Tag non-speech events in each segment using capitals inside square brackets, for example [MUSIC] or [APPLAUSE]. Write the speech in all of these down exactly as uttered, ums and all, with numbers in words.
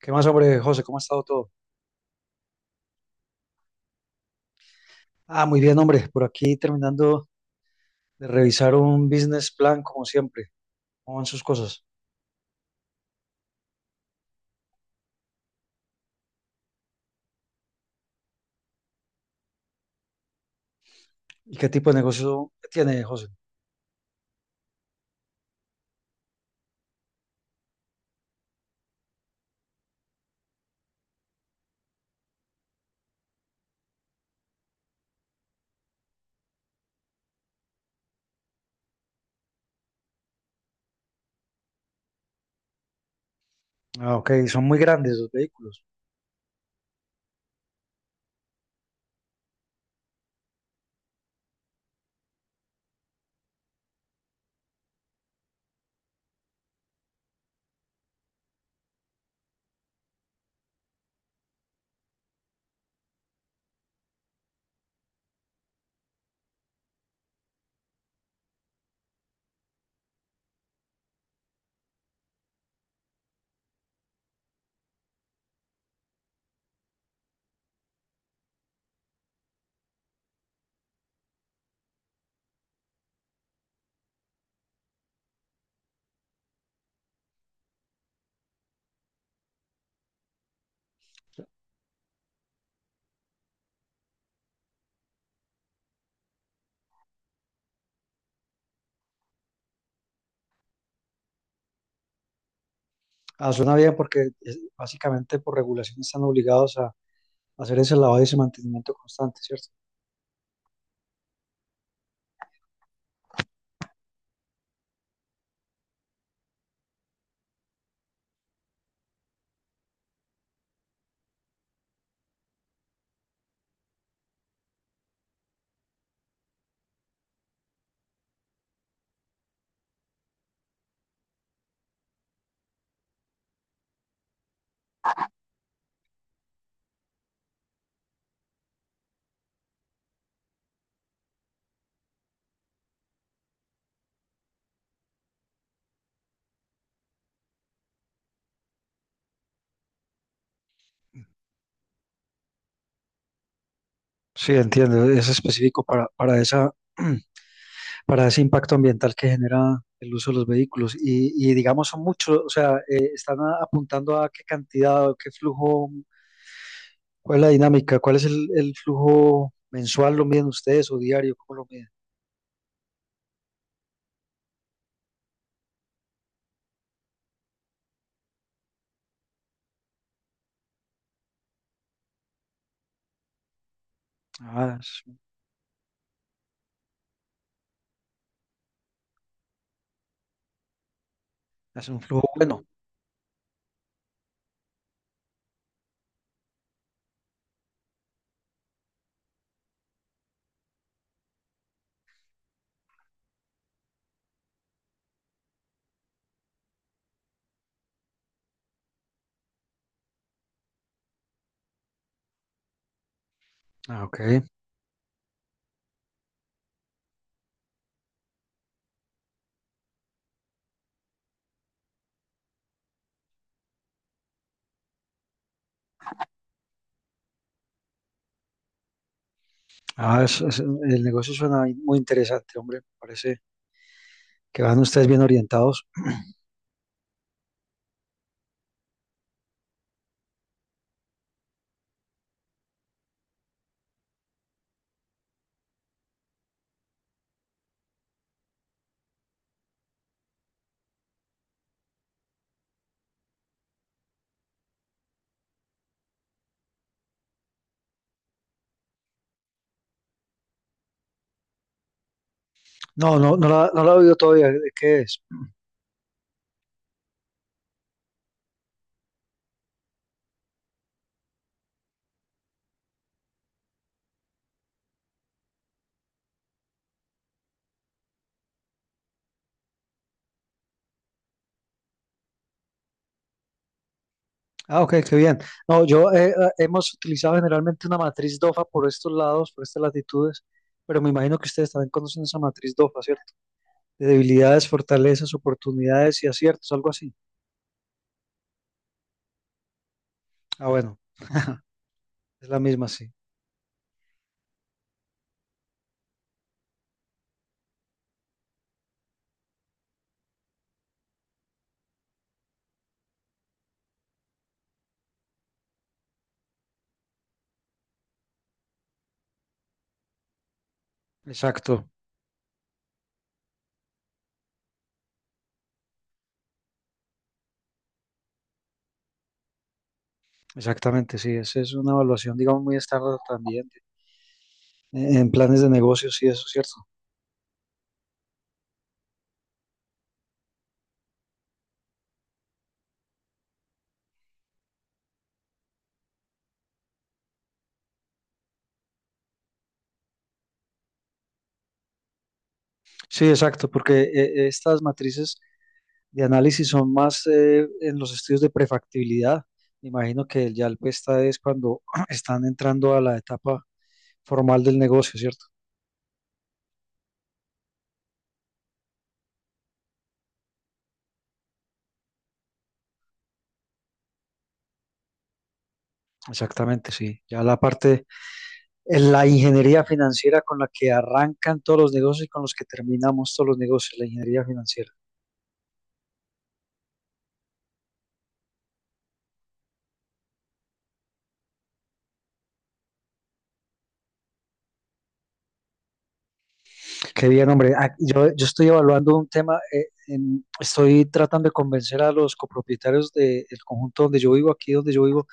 ¿Qué más, hombre, José? ¿Cómo ha estado todo? Ah, muy bien, hombre. Por aquí terminando de revisar un business plan, como siempre. ¿Cómo van sus cosas? ¿Y qué tipo de negocio tiene, José? Ah, ok, son muy grandes los vehículos. Ah, suena bien porque es- básicamente por regulación están obligados a hacer ese lavado y ese mantenimiento constante, ¿cierto? Sí, entiendo. Es específico para, para esa, [CLEARS THROAT] para ese impacto ambiental que genera el uso de los vehículos. Y, y digamos, son muchos, o sea, eh, están a- apuntando a qué cantidad o qué flujo. ¿Cuál es la dinámica? ¿Cuál es el, el flujo mensual? ¿Lo miden ustedes o diario? ¿Cómo lo miden? Ah, es, es un flujo bueno. Ah, ok. Ah, es- es- el negocio suena muy interesante, hombre. Parece que van ustedes bien orientados. No, no, no la, no la he oído todavía. ¿De ¿Qué es? Ah, ok, qué bien. No, yo eh, eh, hemos utilizado generalmente una matriz DOFA por estos lados, por estas latitudes, pero me imagino que ustedes también conocen esa matriz DOFA, ¿cierto? De debilidades, fortalezas, oportunidades y aciertos, algo así. Ah, bueno, es la misma, sí. Exacto. Exactamente, sí, esa es una evaluación, digamos, muy estándar también eh, en planes de negocios, sí, eso es cierto. Sí, exacto, porque eh, estas matrices de análisis son más eh, en los estudios de prefactibilidad. Me imagino que el ya el PESTA es cuando [CLEARS THROAT] están entrando a la etapa formal del negocio, ¿cierto? Exactamente, sí. Ya la parte, en la ingeniería financiera con la que arrancan todos los negocios y con los que terminamos todos los negocios, la ingeniería financiera. Qué bien, hombre. Ah, Yo, yo estoy evaluando un tema, eh, en- estoy tratando de convencer a los copropietarios del conjunto donde yo vivo, aquí donde yo vivo.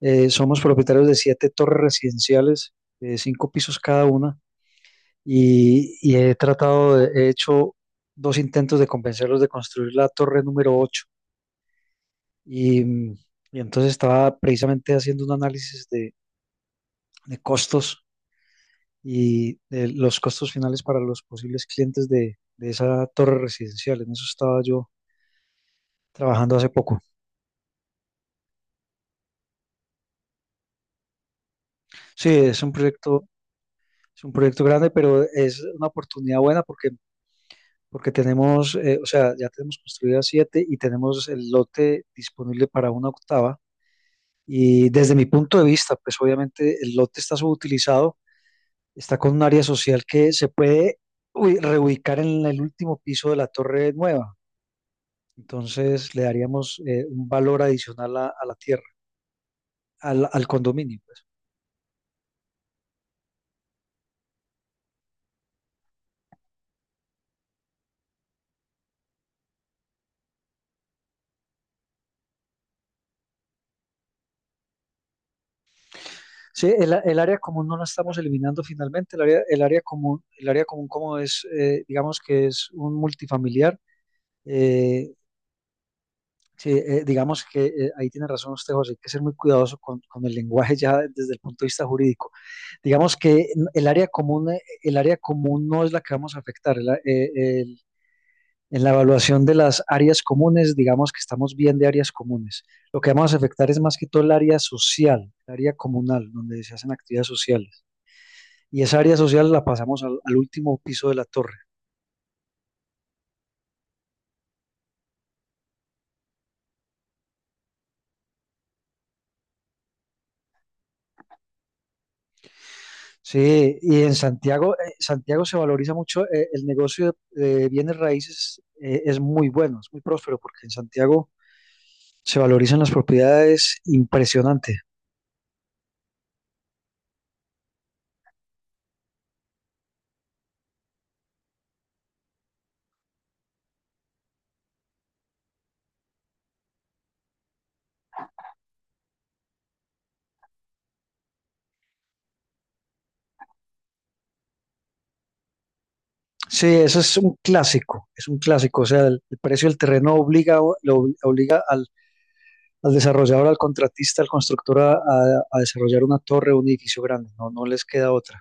Eh, somos propietarios de siete torres residenciales, de cinco pisos cada una, y, y he tratado, de- he hecho dos intentos de convencerlos de construir la torre número ocho. Y, mm, y entonces estaba precisamente haciendo un análisis de, de costos y eh, los costos finales para los posibles clientes de, de esa torre residencial. En eso estaba yo trabajando hace poco. Sí, es un proyecto, es un proyecto grande, pero es una oportunidad buena porque, porque tenemos, eh, o sea, ya tenemos construidas siete y tenemos el lote disponible para una octava. Y desde mi punto de vista, pues obviamente el lote está subutilizado, está con un área social que se puede uy, reubicar en el último piso de la torre nueva. Entonces le daríamos eh, un valor adicional a, a la tierra, al, al condominio, pues. Sí, el, el área común no la estamos eliminando finalmente. El área, el área común, el área común como es, eh, digamos que es un multifamiliar. eh, sí, eh, digamos que eh, ahí tiene razón usted, José, hay que ser muy cuidadoso con, con el lenguaje ya desde el punto de vista jurídico. Digamos que el área común, eh, el área común no es la que vamos a afectar. el eh, el- En la evaluación de las áreas comunes, digamos que estamos bien de áreas comunes. Lo que vamos a afectar es más que todo el área social, el área comunal, donde se hacen actividades sociales. Y esa área social la pasamos al, al último piso de la torre. Sí, y en Santiago, eh, Santiago se valoriza mucho, eh, el negocio de, de bienes raíces eh, es muy bueno, es muy próspero, porque en Santiago se valorizan las propiedades impresionante. Sí, eso es un clásico, es un clásico, o sea, el, el precio del terreno obliga, lo obliga al al desarrollador, al contratista, al constructor a, a- a desarrollar una torre, un edificio grande, no, no les queda otra.